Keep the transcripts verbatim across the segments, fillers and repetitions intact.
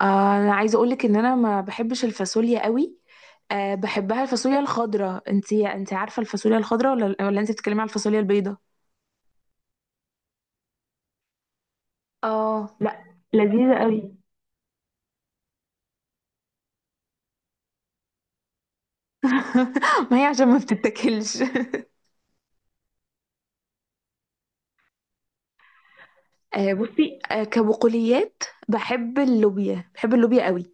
آه، انا عايزه اقولك ان انا ما بحبش الفاصوليا قوي. أه بحبها الفاصوليا الخضراء، انتي انتي عارفه الفاصوليا الخضراء ولا ولا انتي بتتكلمي على الفاصوليا البيضاء؟ اه، لا، لذيذة قوي. ما هي عشان ما بتتاكلش. آه، بصي، آه، كبقوليات بحب اللوبيا، بحب اللوبيا قوي.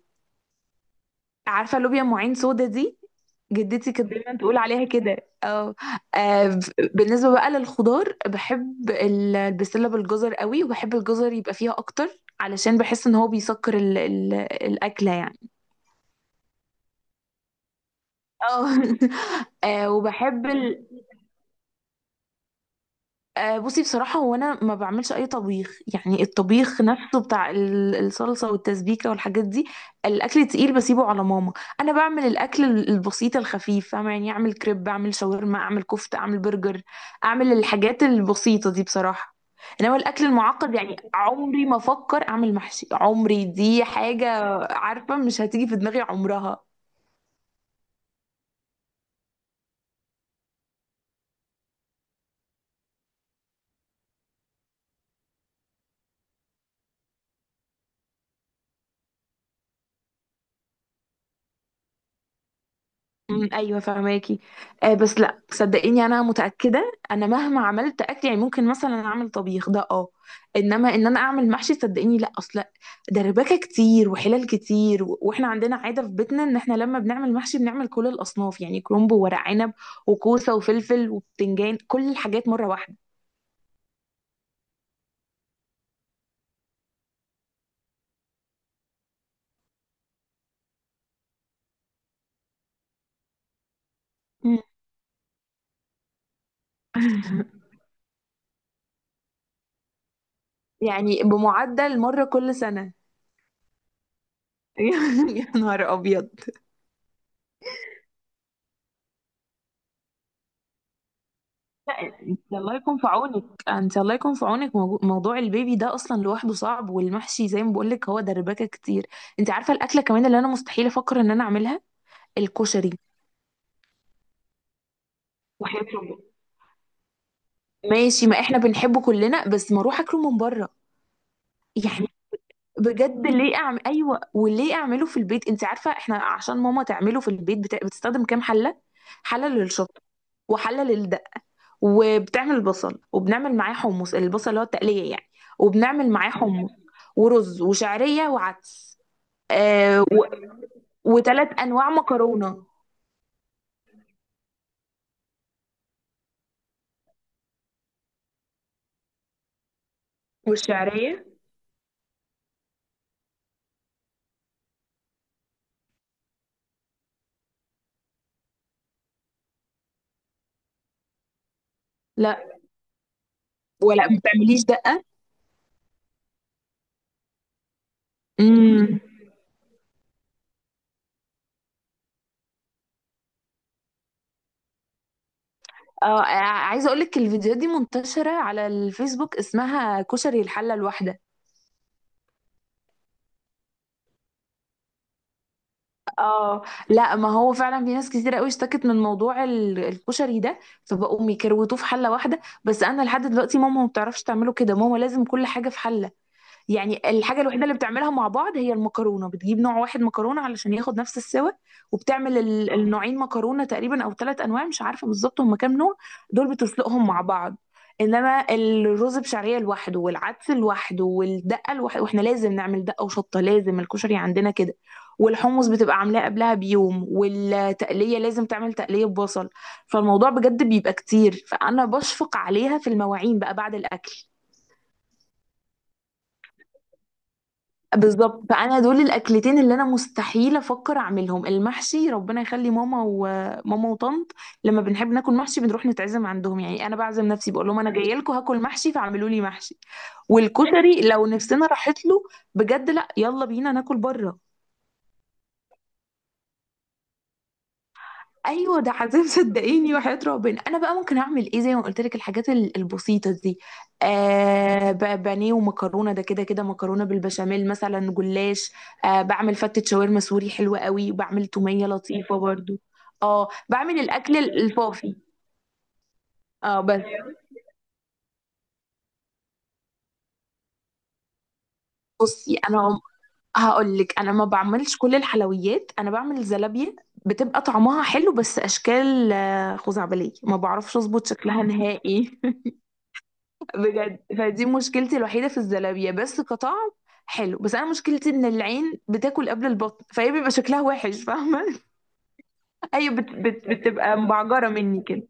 عارفه لوبيا ام عين سودا دي؟ جدتي كانت دايما تقول عليها كده. اه. آه، ب- بالنسبه بقى للخضار، بحب ال- البسله بالجزر قوي، وبحب الجزر يبقى فيها اكتر علشان بحس ان هو بيسكر ال ال الاكله يعني. اه. آه، وبحب ال- آه، بصي بصراحة هو أنا ما بعملش أي طبيخ، يعني الطبيخ نفسه بتاع ال- الصلصة والتسبيكة والحاجات دي. الأكل تقيل بسيبه على ماما. أنا بعمل الأكل ال- البسيط الخفيف، فاهمة؟ يعني أعمل كريب، أعمل شاورما، أعمل كفتة، أعمل برجر، أعمل الحاجات البسيطة دي بصراحة. إنما الأكل المعقد، يعني عمري ما أفكر أعمل محشي، عمري دي حاجة. عارفة مش هتيجي في دماغي عمرها. أمم، ايوه فهماكي. آه، بس لا صدقيني انا متاكده، انا مهما عملت اكل يعني ممكن مثلا اعمل طبيخ ده اه. انما ان انا اعمل محشي صدقيني لا اصلا. دربكه كتير وحلال كتير، و- واحنا عندنا عاده في بيتنا ان احنا لما بنعمل محشي بنعمل كل الاصناف، يعني كرنب وورق عنب وكوسه وفلفل وبتنجان، كل الحاجات مره واحده. أمم. يعني بمعدل مره كل سنه. يا نهار ابيض. انت الله يكون في عونك. انت الله يكون في عونك، موجو- موضوع البيبي ده اصلا لوحده صعب، والمحشي زي ما بقولك هو دربكه كتير. انت عارفه الاكله كمان اللي انا مستحيل افكر ان انا اعملها؟ الكشري. وحياة ربنا. ماشي، ما احنا بنحبه كلنا، بس ما اروح اكله من بره يعني. بجد ليه اعمل، ايوه وليه اعمله في البيت؟ انت عارفه احنا عشان ماما تعمله في البيت بت... بتستخدم كام حله. حله للشطه، وحله للدقه، وبتعمل البصل وبنعمل معاه حمص، البصل اللي هو التقلية يعني. وبنعمل معاه حمص ورز وشعرية وعدس. آه و... وثلاث أنواع مكرونة. والشعرية. لا، ولا ما بتعمليش دقة. امم. اه، ع- عايزة اقول لك الفيديوهات دي منتشرة على الفيسبوك، اسمها كشري الحلة الواحدة. اه، لا ما هو فعلا في ناس كتير قوي اشتكت من موضوع ال- الكشري ده فبقوا يكروتوه في حلة واحدة، بس انا لحد دلوقتي ماما ما بتعرفش تعمله كده، ماما لازم كل حاجة في حلة. يعني الحاجة الوحيدة اللي بتعملها مع بعض هي المكرونة، بتجيب نوع واحد مكرونة علشان ياخد نفس السوا. وبتعمل ال- النوعين مكرونة تقريبا أو ثلاث أنواع، مش عارفة بالظبط هما كام نوع. دول بتسلقهم مع بعض. انما الرز بشعريه لوحده والعدس لوحده والدقه لوحده، واحنا لازم نعمل دقه وشطه، لازم الكشري عندنا كده. والحمص بتبقى عاملاه قبلها بيوم، والتقليه لازم تعمل تقليه ببصل. فالموضوع بجد بيبقى كتير، فانا بشفق عليها في المواعين بقى بعد الاكل. بالظبط، فانا دول الاكلتين اللي انا مستحيل افكر اعملهم. المحشي ربنا يخلي ماما وماما وطنط، لما بنحب ناكل محشي بنروح نتعزم عندهم. يعني انا بعزم نفسي، بقول لهم انا جايه لكم هاكل محشي فاعملوا لي محشي. والكشري لو نفسنا راحت له، بجد لا، يلا بينا ناكل بره. ايوه ده عذاب صدقيني. وحياة ربنا انا بقى ممكن اعمل ايه؟ زي ما قلت لك، الحاجات ال- البسيطه دي. آه، ب- بانيه ومكرونه، ده كده كده، مكرونه بالبشاميل مثلا، جلاش. آه بعمل فتة شاورما سوري حلوه قوي، وبعمل توميه لطيفه برضو. اه بعمل الاكل ال- الفافي. اه بس بصي، انا هقول لك انا ما بعملش كل الحلويات، انا بعمل زلابيه بتبقى طعمها حلو بس اشكال، آه، خزعبليه، ما بعرفش اظبط شكلها نهائي. بجد فدي مشكلتي الوحيدة في الزلابية، بس كطعم حلو، بس انا مشكلتي ان العين بتاكل قبل البطن فهي بيبقى شكلها وحش، فاهمة؟ ايوه، بت بت بتبقى مبعجرة مني كده.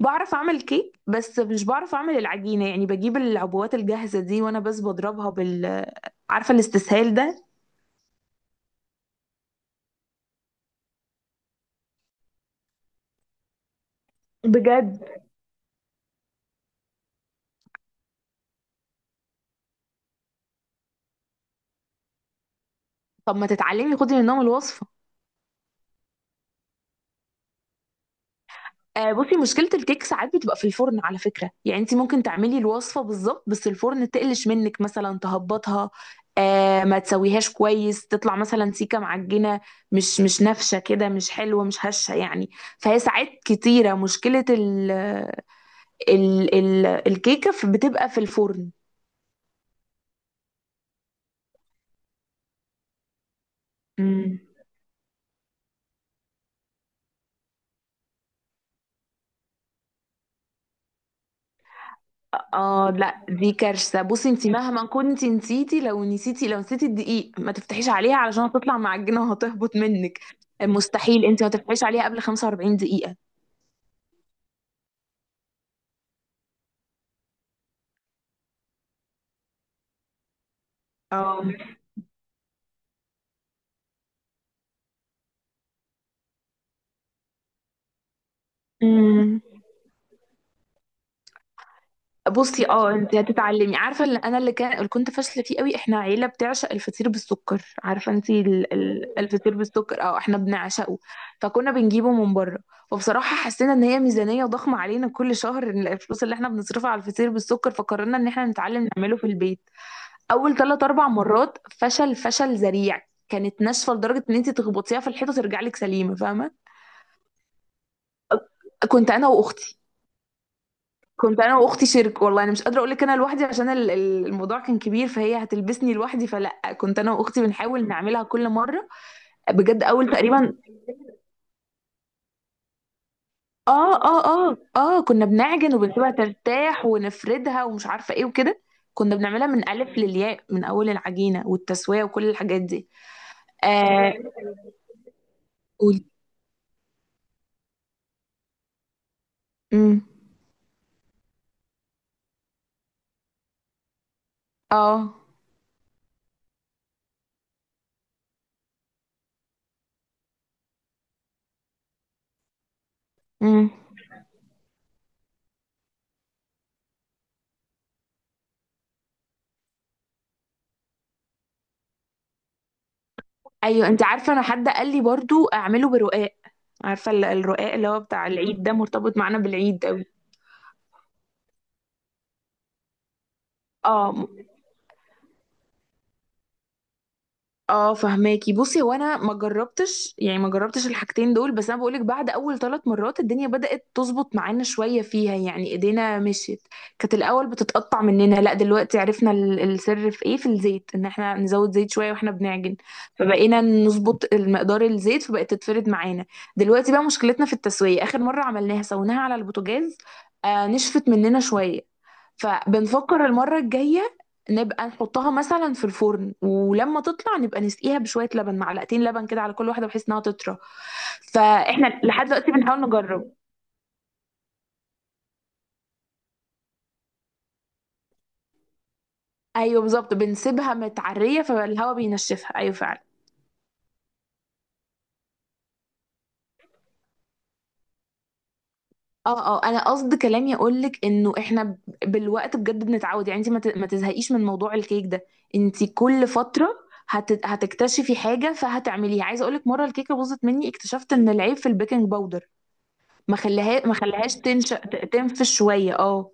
بعرف اعمل كيك بس مش بعرف اعمل العجينة، يعني بجيب العبوات الجاهزة دي وانا بس بضربها بال، عارفة الاستسهال ده. بجد. طب ما تتعلمي، خدي منهم الوصفة. آه بصي مشكلة الكيك ساعات بتبقى في الفرن على فكرة، يعني انت ممكن تعملي الوصفة بالظبط بس الفرن تقلش منك مثلا تهبطها. آه ما تسويهاش كويس تطلع مثلا سيكة معجنة، مش مش نافشة كده، مش حلوة مش هشة يعني. فهي ساعات كتيرة مشكلة ال ال ال الكيكة ف- بتبقى في الفرن. مم. اه لا دي كارثه. بصي انت مهما كنت نسيتي، لو نسيتي، لو نسيتي الدقيق ما تفتحيش عليها علشان هتطلع معجنه وهتهبط منك. مستحيل انت ما تفتحيش عليها قبل خمسة واربعين دقيقه. اه. امم. بصي، اه انت هتتعلمي. عارفه اللي انا، اللي كان، اللي كنت فاشله فيه قوي، احنا عيله بتعشق الفطير بالسكر. عارفه انت ال... ال... الفطير بالسكر، اه احنا بنعشقه. فكنا بنجيبه من بره، وبصراحه حسينا ان هي ميزانيه ضخمه علينا كل شهر، إن الفلوس اللي احنا بنصرفها على الفطير بالسكر، فقررنا ان احنا نتعلم نعمله في البيت. اول ثلاث اربع مرات فشل، فشل ذريع. كانت ناشفه لدرجه ان انت تخبطيها في الحيطه ترجع لك سليمه، فاهمه؟ كنت انا واختي، كنت انا واختي شرك والله، انا مش قادره اقول لك انا لوحدي عشان ال- ال- الموضوع كان كبير فهي هتلبسني لوحدي، فلا كنت انا واختي بنحاول نعملها كل مره. بجد اول تقريبا، اه اه اه اه كنا بنعجن وبنسيبها ترتاح ونفردها ومش عارفه ايه وكده. كنا بنعملها من الف للياء، من اول العجينه والتسويه وكل الحاجات دي. اه قولي. امم. اه. امم. ايوه. انت عارفه انا حد قال لي برضو اعمله برقاق، عارفه ال- الرقاق اللي هو بتاع العيد، ده مرتبط معانا بالعيد قوي. اه اه فهماكي. بصي هو انا ما جربتش، يعني ما جربتش الحاجتين دول، بس انا بقولك بعد اول ثلاث مرات الدنيا بدأت تظبط معانا شوية فيها، يعني ايدينا مشيت. كانت الاول بتتقطع مننا، لا دلوقتي عرفنا ال- السر في ايه، في الزيت، ان احنا نزود زيت شوية واحنا بنعجن. فبقينا نظبط المقدار الزيت فبقت تتفرد معانا. دلوقتي بقى مشكلتنا في التسوية، اخر مرة عملناها سويناها على البوتاجاز. آه نشفت مننا شوية، فبنفكر المرة الجاية نبقى نحطها مثلا في الفرن، ولما تطلع نبقى نسقيها بشوية لبن، معلقتين لبن كده على كل واحدة بحيث انها تطرى. فاحنا لحد دلوقتي بنحاول نجرب. ايوه بالظبط، بنسيبها متعرية فالهواء بينشفها، ايوه فعلا. اه اه، انا قصد كلامي اقول لك انه احنا ب- بالوقت بجد بنتعود، يعني انت ما ت- ما تزهقيش من موضوع الكيك ده. انت كل فتره هت... هتكتشفي حاجه فهتعمليها. عايزه اقول لك مره الكيكه باظت مني، اكتشفت ان العيب في البيكنج باودر، ما خليها، ما خليهاش تنشا، ت- تنفش شويه، اه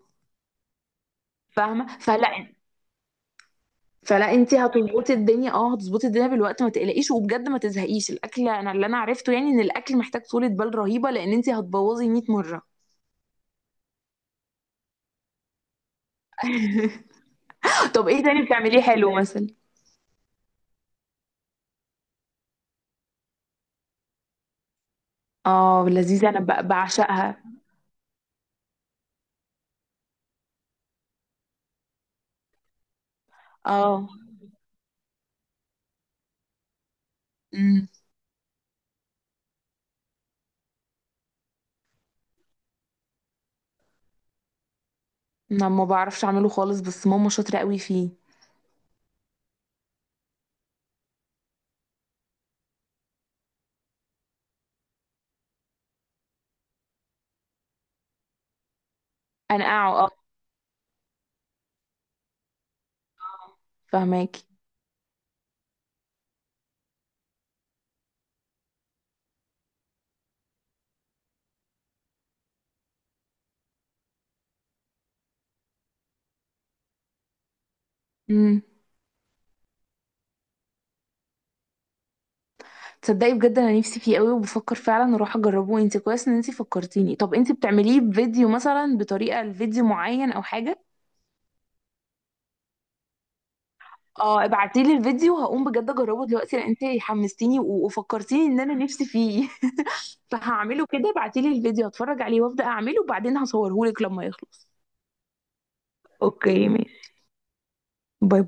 فاهمه. فلا، فلا انت هتظبطي الدنيا، اه هتظبطي الدنيا بالوقت، ما تقلقيش، وبجد ما تزهقيش الاكل، انا اللي انا عرفته يعني ان الاكل محتاج طولة بال رهيبه، لان انت هتبوظي مية مره. طب ايه تاني بتعمليه حلو مثلا؟ اه لذيذه انا ب- بعشقها. اه. امم. انا ما بعرفش اعمله خالص بس ماما شاطره قوي فيه. انا اه اه فهماكي. امم. تصدقي بجد انا نفسي فيه قوي، وبفكر فعلا اروح اجربه، انت كويس ان انت فكرتيني. طب انت بتعمليه بفيديو مثلا، بطريقه لفيديو معين او حاجه؟ اه ابعتيلي الفيديو هقوم بجد اجربه دلوقتي، لان انت حمستيني و- وفكرتيني ان انا نفسي فيه. فهعمله كده، ابعتيلي الفيديو هتفرج عليه وابدا اعمله، وبعدين هصورهولك لما يخلص. اوكي ماشي. باي باي.